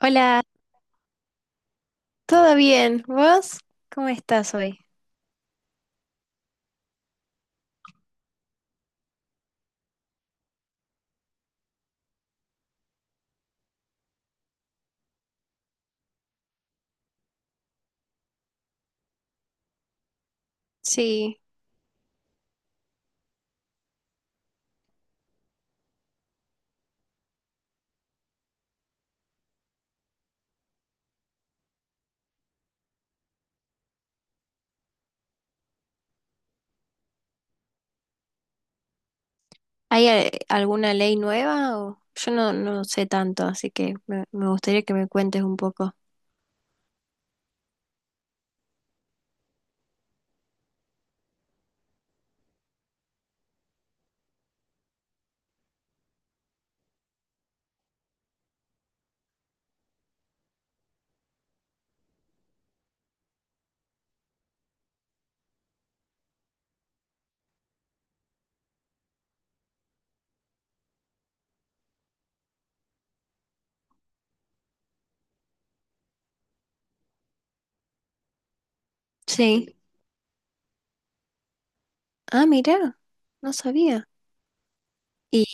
Hola, ¿todo bien? ¿Vos? ¿Cómo estás hoy? Sí, ¿hay alguna ley nueva? Yo no, no sé tanto, así que me gustaría que me cuentes un poco. Sí. Ah, mira, no sabía. ¿Y,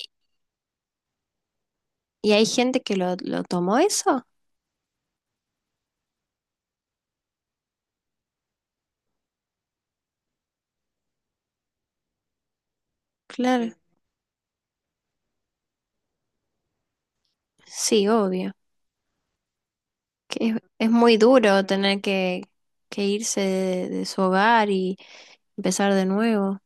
y hay gente que lo tomó eso? Claro, sí, obvio. Es muy duro tener que irse de su hogar y empezar de nuevo.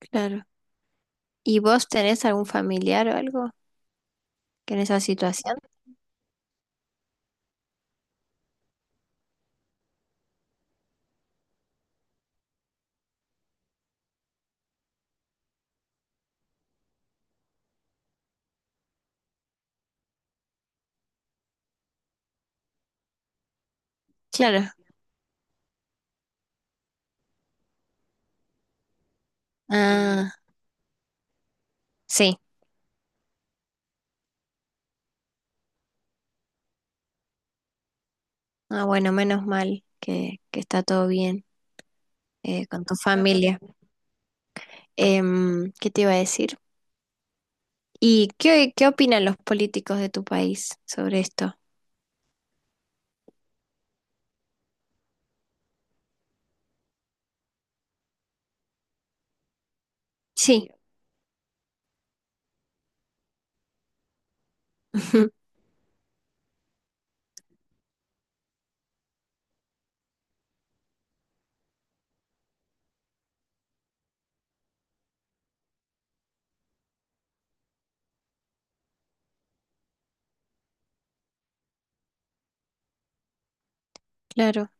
Claro. ¿Y vos tenés algún familiar o algo que en esa situación? Claro. Ah. Sí, ah, bueno, menos mal que está todo bien con tu familia. ¿Qué te iba a decir? ¿ qué opinan los políticos de tu país sobre esto? Sí, claro.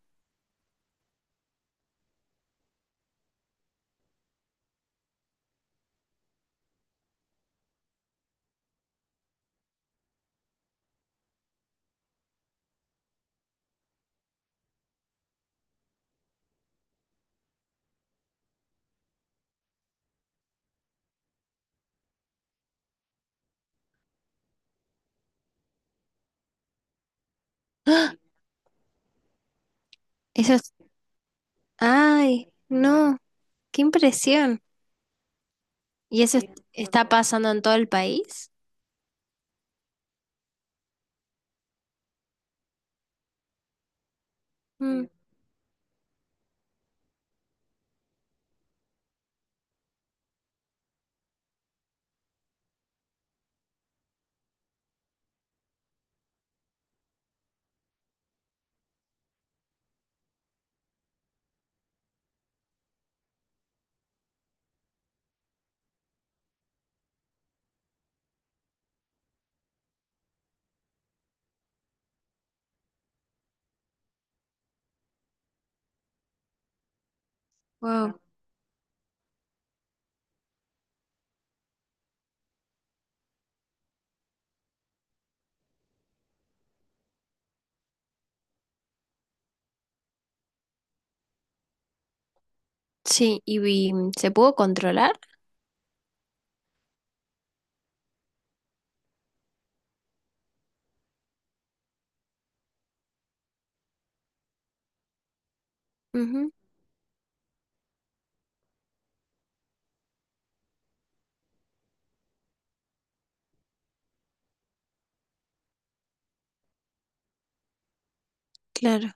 ¡Ah! Eso es... ¡Ay! No, qué impresión. ¿Y eso es- ¿está pasando en todo el país? Wow. Sí, ¿y se pudo controlar? Ujú, claro,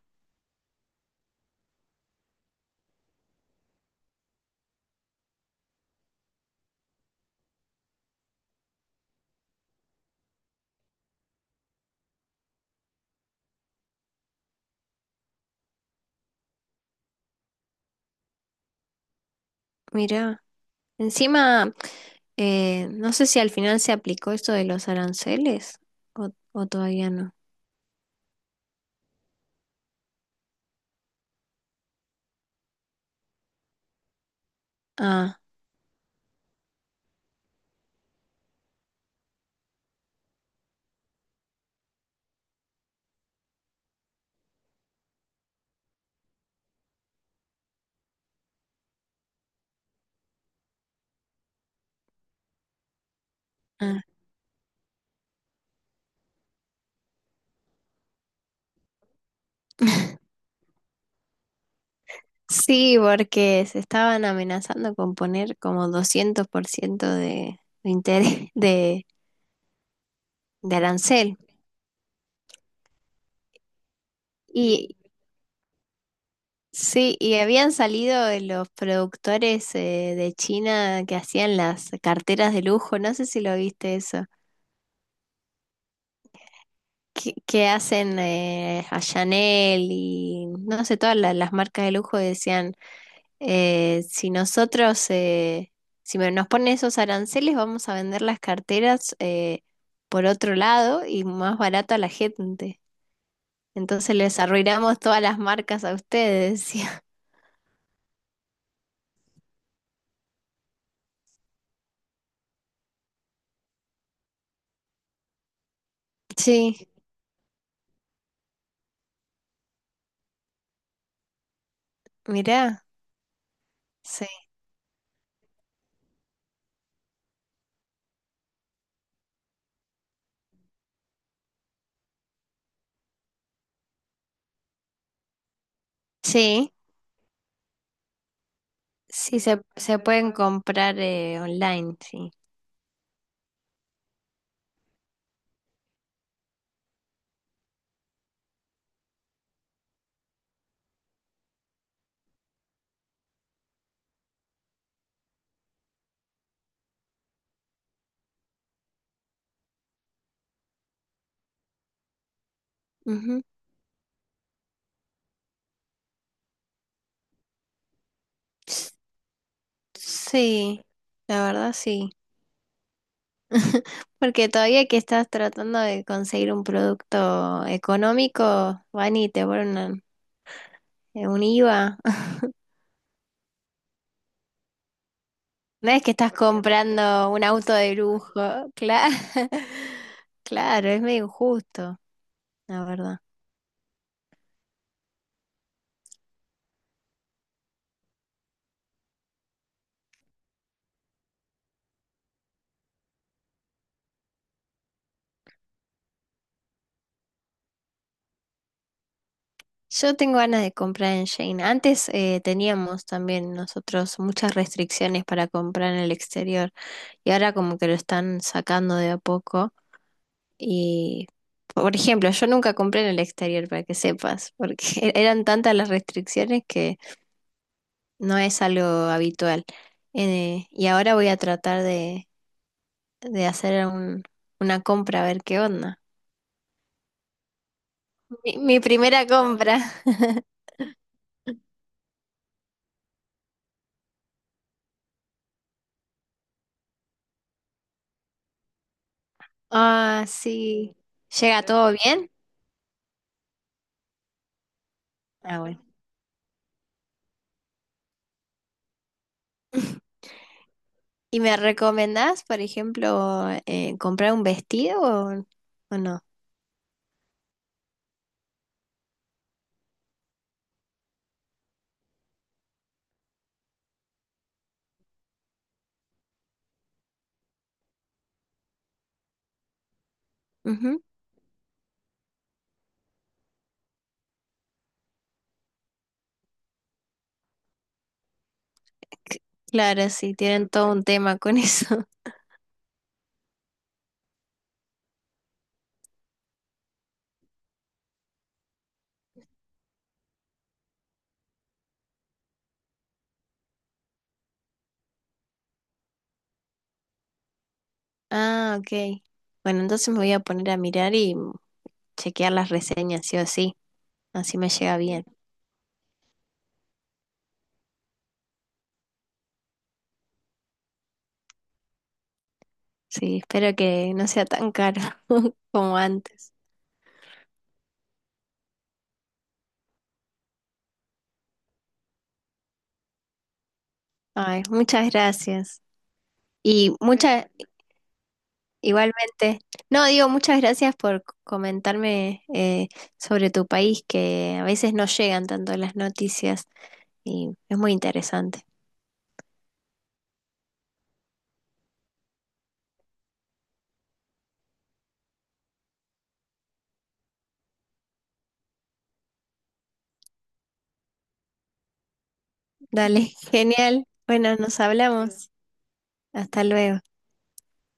mira. Encima, no sé si al final se aplicó esto de los aranceles o todavía no. Ah, ah. Sí, porque se estaban amenazando con poner como 200% de interés de arancel. Y sí, y habían salido de los productores de China que hacían las carteras de lujo, no sé si lo viste eso. Que hacen a Chanel y no sé, las marcas de lujo decían, si nosotros, si me- nos ponen esos aranceles, vamos a vender las carteras por otro lado y más barato a la gente. Entonces les arruinamos todas las marcas a ustedes, decía. Sí, mirá, sí. Sí, sí, se pueden comprar online, sí. Ujú. Sí, la verdad sí. Porque todavía que estás tratando de conseguir un producto económico, van y te ponen un IVA. No es que estás comprando un auto de lujo, claro. Claro, es medio injusto, la verdad. Yo tengo ganas de comprar en Shane. Antes teníamos también nosotros muchas restricciones para comprar en el exterior y ahora como que lo están sacando de a poco. Y, por ejemplo, yo nunca compré en el exterior, para que sepas, porque eran tantas las restricciones que no es algo habitual. Y ahora voy a tratar de hacer una compra, a ver qué onda. Mi primera compra. Ah, sí. ¿Llega todo bien? Ah, bueno. ¿Y me recomendás, por ejemplo, comprar un vestido o no? Ujú. C- Claro, sí, tienen todo un tema con eso. Ah, ok. Bueno, entonces me voy a poner a mirar y chequear las reseñas, sí o sí. Así me llega bien. Sí, espero que no sea tan caro como antes. Ay, muchas gracias. Y muchas, igualmente. No, digo, muchas gracias por comentarme sobre tu país, que a veces no llegan tanto las noticias y es muy interesante. Dale, genial. Bueno, nos hablamos. Hasta luego.